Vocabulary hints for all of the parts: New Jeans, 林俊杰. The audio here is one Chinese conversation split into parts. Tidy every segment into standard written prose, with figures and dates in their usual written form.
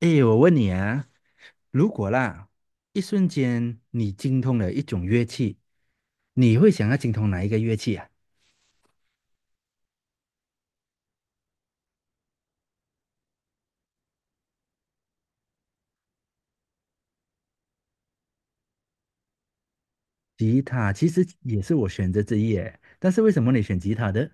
诶，我问你啊，如果啦，一瞬间你精通了一种乐器，你会想要精通哪一个乐器啊？吉他其实也是我选择之一诶，但是为什么你选吉他的？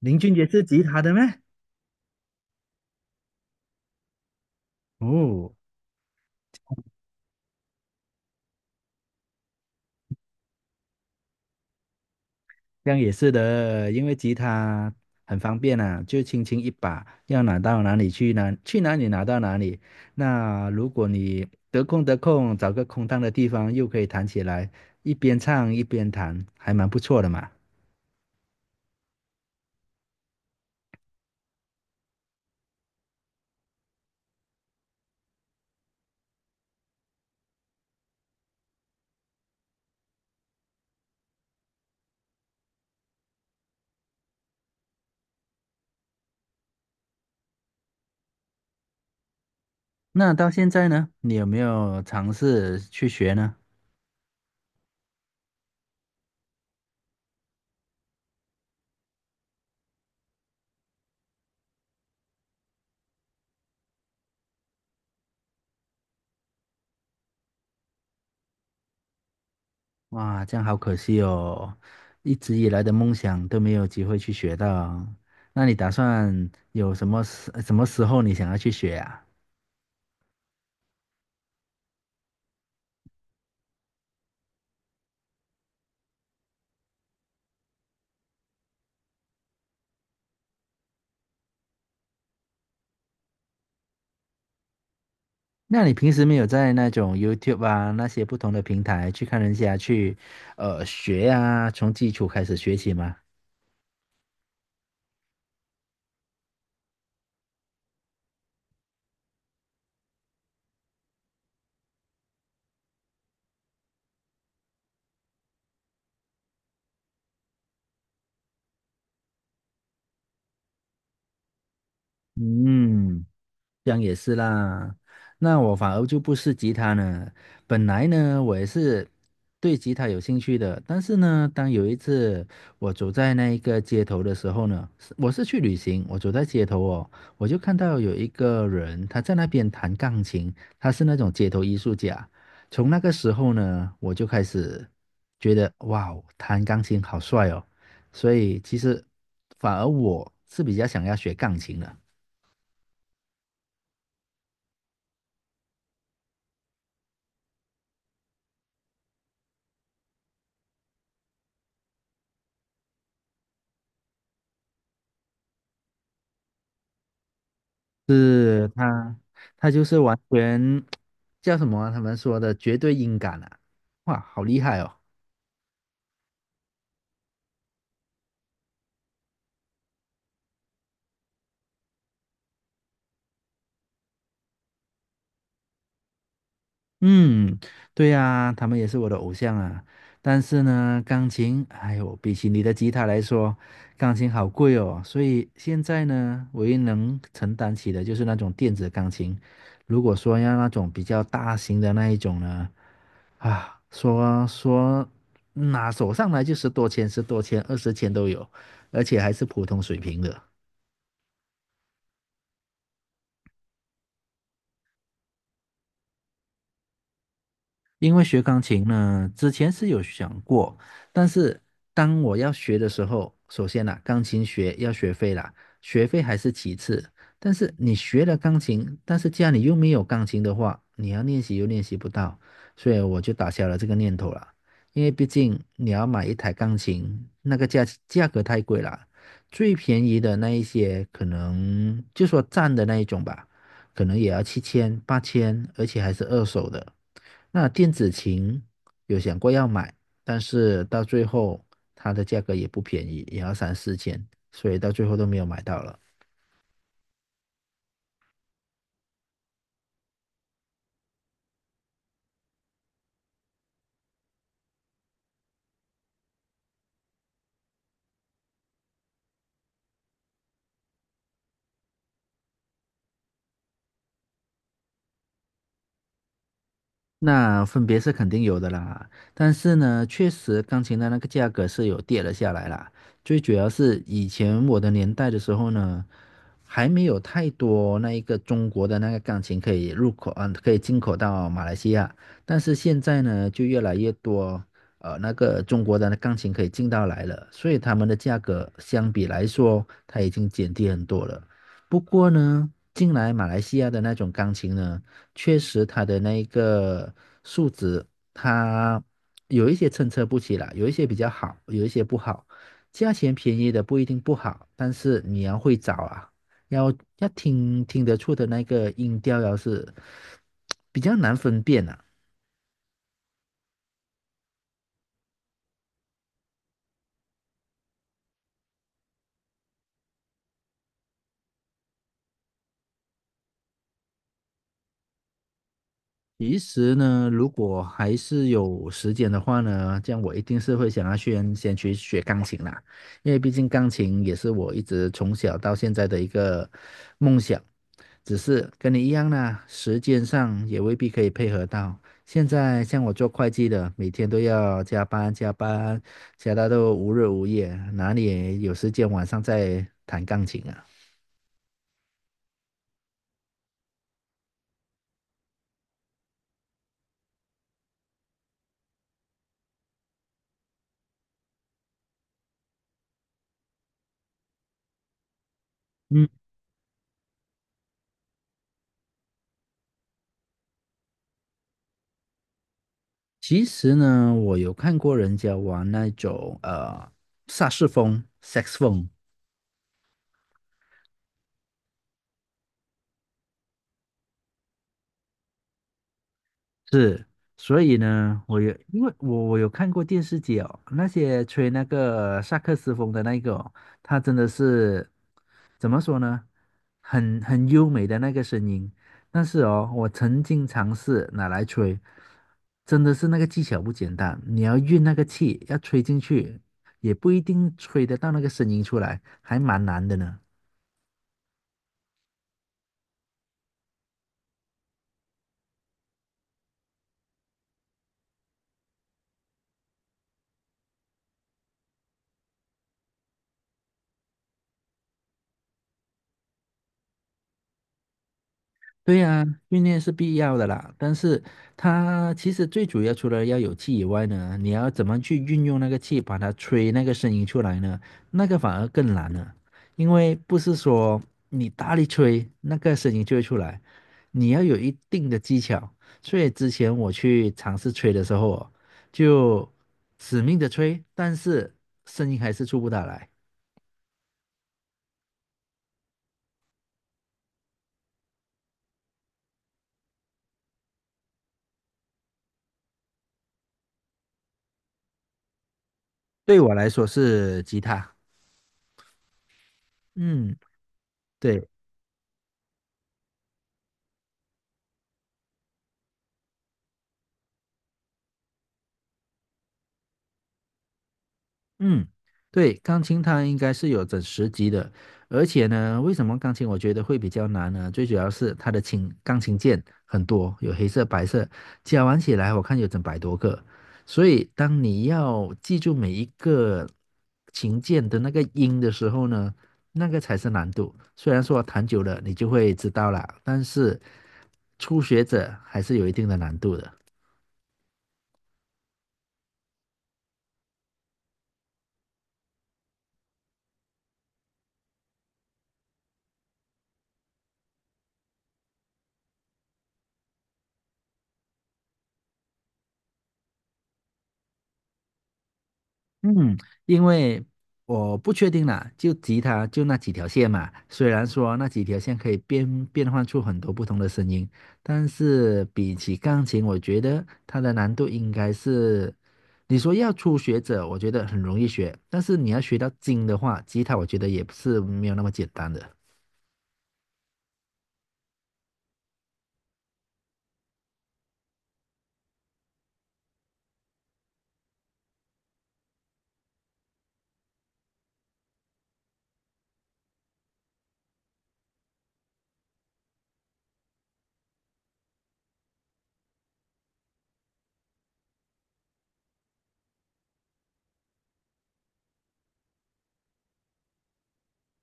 林俊杰是吉他的吗？哦，这样也是的，因为吉他很方便啊，就轻轻一把，要拿到哪里去哪里拿到哪里。那如果你得空，找个空荡的地方，又可以弹起来，一边唱一边弹，还蛮不错的嘛。那到现在呢，你有没有尝试去学呢？哇，这样好可惜哦，一直以来的梦想都没有机会去学到。那你打算有什么时候你想要去学啊？那你平时没有在那种 YouTube 啊那些不同的平台去看人家去学啊，从基础开始学起吗？嗯。这样也是啦，那我反而就不是吉他呢。本来呢，我也是对吉他有兴趣的，但是呢，当有一次我走在那一个街头的时候呢，是我是去旅行，我走在街头哦，我就看到有一个人他在那边弹钢琴，他是那种街头艺术家。从那个时候呢，我就开始觉得哇哦弹钢琴好帅哦，所以其实反而我是比较想要学钢琴的。是他，他就是完全叫什么啊他们说的绝对音感啊！哇，好厉害哦！嗯，对呀，他们也是我的偶像啊。但是呢，钢琴，哎呦，比起你的吉他来说，钢琴好贵哦。所以现在呢，唯一能承担起的就是那种电子钢琴。如果说要那种比较大型的那一种呢，啊，说拿手上来就十多千、十多千、二十千都有，而且还是普通水平的。因为学钢琴呢，之前是有想过，但是当我要学的时候，首先呢，钢琴学要学费啦，学费还是其次。但是你学了钢琴，但是家里又没有钢琴的话，你要练习又练习不到，所以我就打消了这个念头了。因为毕竟你要买一台钢琴，那个价格太贵了，最便宜的那一些可能就说站的那一种吧。可能也要七千、八千，而且还是二手的。那电子琴有想过要买，但是到最后它的价格也不便宜，也要三四千，所以到最后都没有买到了。那分别是肯定有的啦，但是呢，确实钢琴的那个价格是有跌了下来啦。最主要是以前我的年代的时候呢，还没有太多那一个中国的那个钢琴可以入口，可以进口到马来西亚。但是现在呢，就越来越多，那个中国的那钢琴可以进到来了，所以他们的价格相比来说，它已经减低很多了。不过呢，进来马来西亚的那种钢琴呢。确实它的那个数值，它有一些参差不齐啦，有一些比较好，有一些不好。价钱便宜的不一定不好，但是你要会找啊，要要听得出的那个音调，要是比较难分辨啊。其实呢，如果还是有时间的话呢，这样我一定是会想要先去学钢琴啦，因为毕竟钢琴也是我一直从小到现在的一个梦想，只是跟你一样啦，时间上也未必可以配合到。现在像我做会计的，每天都要加班加班，加到都无日无夜，哪里有时间晚上再弹钢琴啊？嗯。其实呢，我有看过人家玩那种萨士风 SEX 风是，所以呢，我有因为我有看过电视剧哦，那些吹那个萨克斯风的那个哦，他真的是怎么说呢，很优美的那个声音，但是哦，我曾经尝试拿来吹，真的是那个技巧不简单，你要运那个气，要吹进去，也不一定吹得到那个声音出来，还蛮难的呢。对呀，训练是必要的啦，但是它其实最主要除了要有气以外呢，你要怎么去运用那个气，把它吹那个声音出来呢？那个反而更难了，因为不是说你大力吹那个声音就会出来，你要有一定的技巧。所以之前我去尝试吹的时候哦就死命的吹，但是声音还是出不大来。对我来说是吉他，嗯。对。嗯，对，钢琴它应该是有整十级的，而且呢，为什么钢琴我觉得会比较难呢？最主要是它的钢琴键很多，有黑色、白色，加完起来我看有整百多个，所以当你要记住每一个琴键的那个音的时候呢，那个才是难度。虽然说弹久了你就会知道啦，但是初学者还是有一定的难度的。嗯，因为我不确定啦，就吉他就那几条线嘛。虽然说那几条线可以变换出很多不同的声音，但是比起钢琴，我觉得它的难度应该是，你说要初学者，我觉得很容易学，但是你要学到精的话，吉他我觉得也不是没有那么简单的。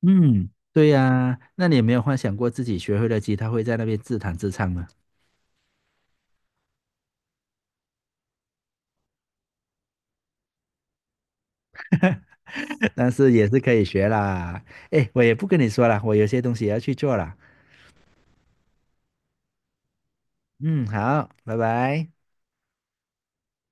嗯，对呀，那你有没有幻想过自己学会了吉他会在那边自弹自唱呢？但是也是可以学啦。哎，我也不跟你说了，我有些东西也要去做了。嗯，好，拜拜。